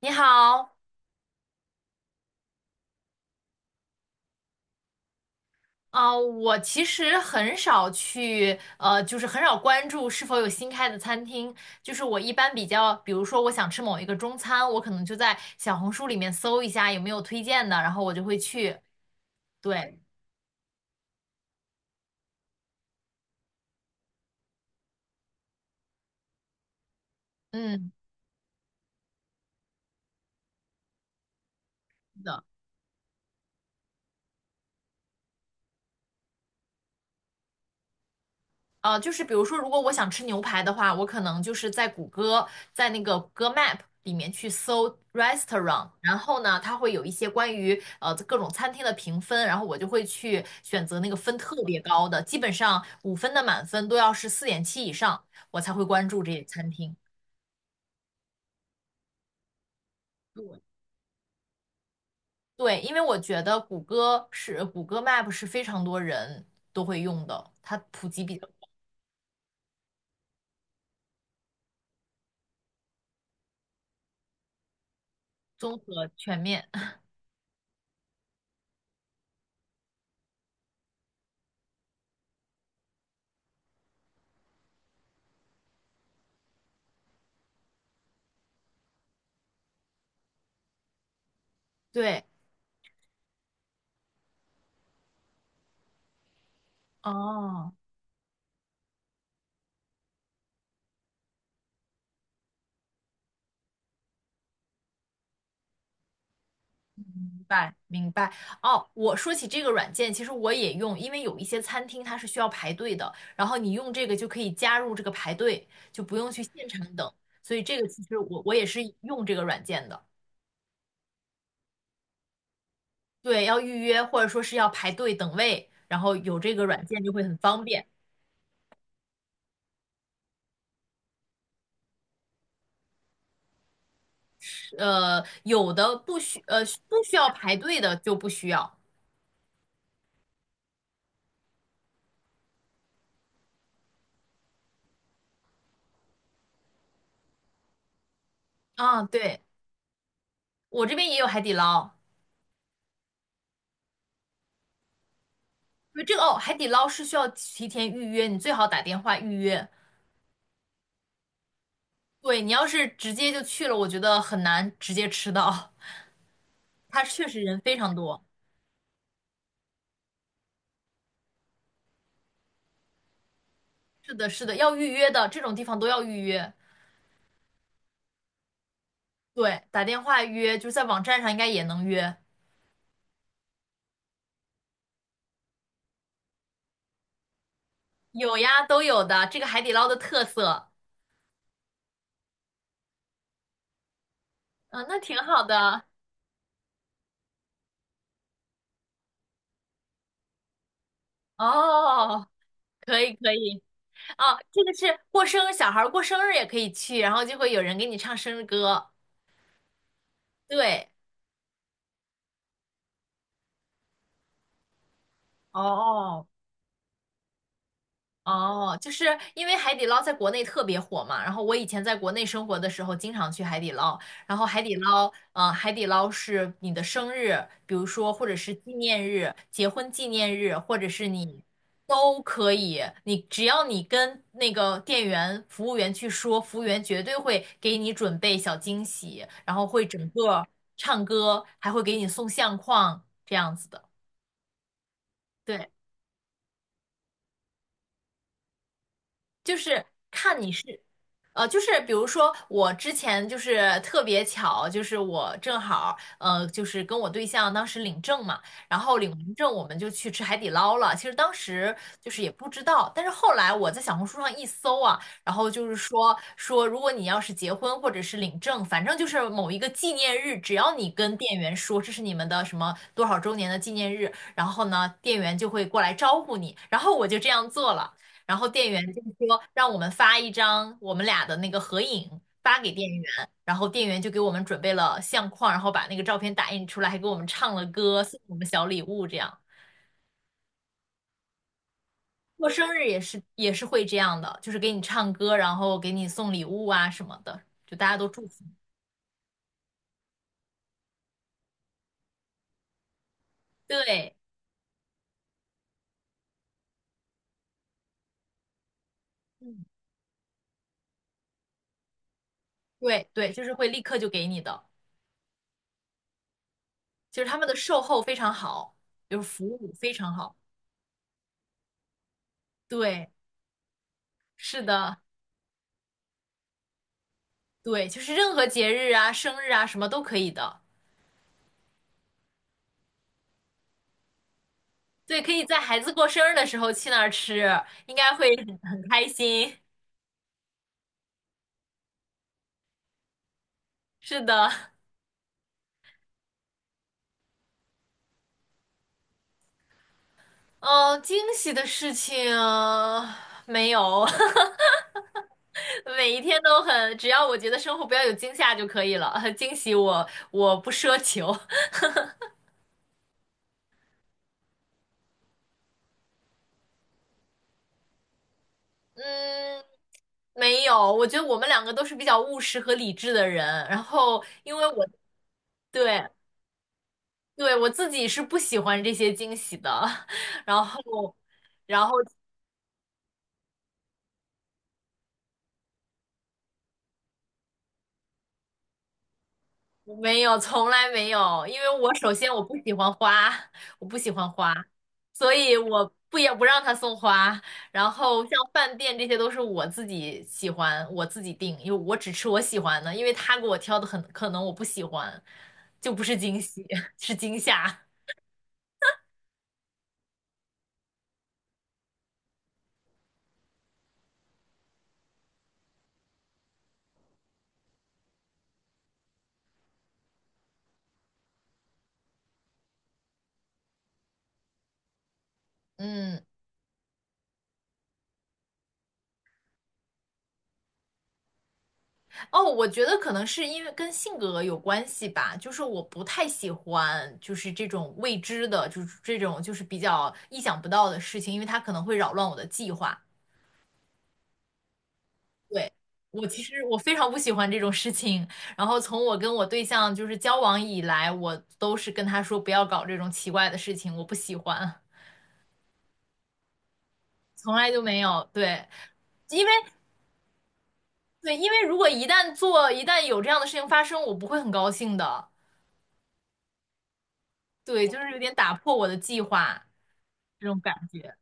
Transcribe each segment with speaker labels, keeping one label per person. Speaker 1: 你好。我其实很少去，就是很少关注是否有新开的餐厅。就是我一般比较，比如说我想吃某一个中餐，我可能就在小红书里面搜一下有没有推荐的，然后我就会去。对。嗯，是的。就是比如说，如果我想吃牛排的话，我可能就是在谷歌，在那个谷歌 Map 里面去搜 restaurant，然后呢，它会有一些关于各种餐厅的评分，然后我就会去选择那个分特别高的，基本上五分的满分都要是四点七以上，我才会关注这些餐厅。对，对，因为我觉得谷歌是谷歌 Map 是非常多人都会用的，它普及比较综合全面。对。哦。明白明白。哦，我说起这个软件，其实我也用，因为有一些餐厅它是需要排队的，然后你用这个就可以加入这个排队，就不用去现场等。所以这个其实我也是用这个软件的。对，要预约或者说是要排队等位，然后有这个软件就会很方便。有的不需要排队的就不需要啊。对，我这边也有海底捞。对，这个哦，海底捞是需要提前预约，你最好打电话预约。对，你要是直接就去了，我觉得很难直接吃到。它确实人非常多。是的，是的，要预约的，这种地方都要预约。对，打电话预约，就是在网站上应该也能约。有呀，都有的，这个海底捞的特色。嗯，那挺好的。哦，可以可以。哦，这个是过生日，小孩儿过生日也可以去，然后就会有人给你唱生日歌。对。哦。哦，因为海底捞在国内特别火嘛，然后我以前在国内生活的时候，经常去海底捞，然后海底捞，海底捞是你的生日，比如说或者是纪念日、结婚纪念日，或者是你都可以，你只要你跟那个店员、服务员去说，服务员绝对会给你准备小惊喜，然后会整个唱歌，还会给你送相框这样子的。对。就是看你是，就是比如说我之前就是特别巧，就是我正好就是跟我对象当时领证嘛，然后领完证我们就去吃海底捞了。其实当时就是也不知道，但是后来我在小红书上一搜啊，然后就是说如果你要是结婚或者是领证，反正就是某一个纪念日，只要你跟店员说这是你们的什么多少周年的纪念日，然后呢，店员就会过来招呼你，然后我就这样做了。然后店员就是说让我们发一张我们俩的那个合影发给店员，然后店员就给我们准备了相框，然后把那个照片打印出来，还给我们唱了歌，送我们小礼物这样。过生日也是会这样的，就是给你唱歌，然后给你送礼物啊什么的，就大家都祝福。对。嗯，对，对，就是会立刻就给你的，就是他们的售后非常好，就是服务非常好。对，是的。对，就是任何节日啊、生日啊什么都可以的。对，可以在孩子过生日的时候去那儿吃，应该会很开心。是的。嗯，惊喜的事情没有。每一天都很，只要我觉得生活不要有惊吓就可以了。惊喜我不奢求。嗯，没有，我觉得我们两个都是比较务实和理智的人，然后因为我对对，我自己是不喜欢这些惊喜的。然后。然后没有，从来没有，因为我首先我不喜欢花，我不喜欢花，所以我不也不让他送花。然后像饭店这些都是我自己喜欢，我自己订，因为我只吃我喜欢的，因为他给我挑的很可能我不喜欢，就不是惊喜，是惊吓。嗯。哦，我觉得可能是因为跟性格有关系吧，就是我不太喜欢就是这种未知的，就是这种就是比较意想不到的事情，因为它可能会扰乱我的计划。对，我其实我非常不喜欢这种事情。然后从我跟我对象就是交往以来，我都是跟他说不要搞这种奇怪的事情，我不喜欢，从来就没有。对，因为对，因为如果一旦做，一旦有这样的事情发生，我不会很高兴的。对，就是有点打破我的计划这种感觉。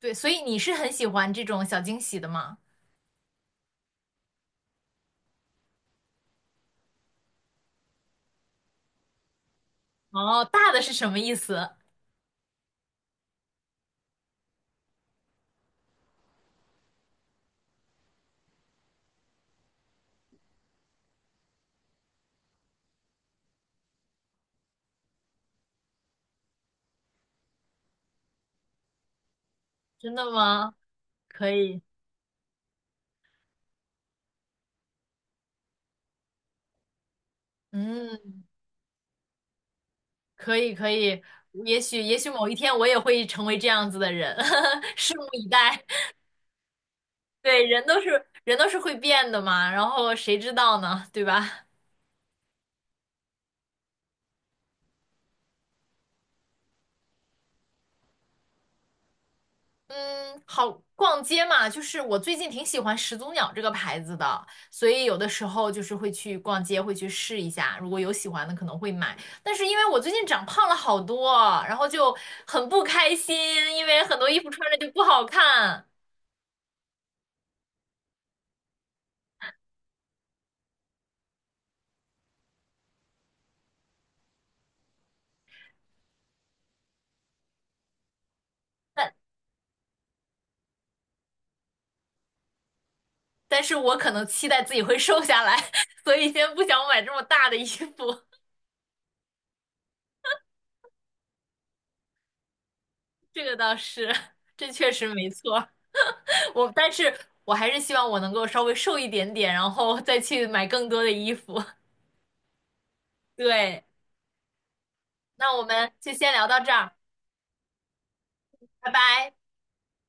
Speaker 1: 对，所以你是很喜欢这种小惊喜的吗？哦，大的是什么意思？真的吗？可以。嗯。可以可以。也许某一天我也会成为这样子的人，拭目以待。对，人都是会变的嘛，然后谁知道呢？对吧？嗯，好，逛街嘛，就是我最近挺喜欢始祖鸟这个牌子的，所以有的时候就是会去逛街，会去试一下，如果有喜欢的可能会买。但是因为我最近长胖了好多，然后就很不开心，因为很多衣服穿着就不好看。但是我可能期待自己会瘦下来，所以先不想买这么大的衣服。这个倒是，这确实没错。我，但是我还是希望我能够稍微瘦一点点，然后再去买更多的衣服。对，那我们就先聊到这儿，拜拜。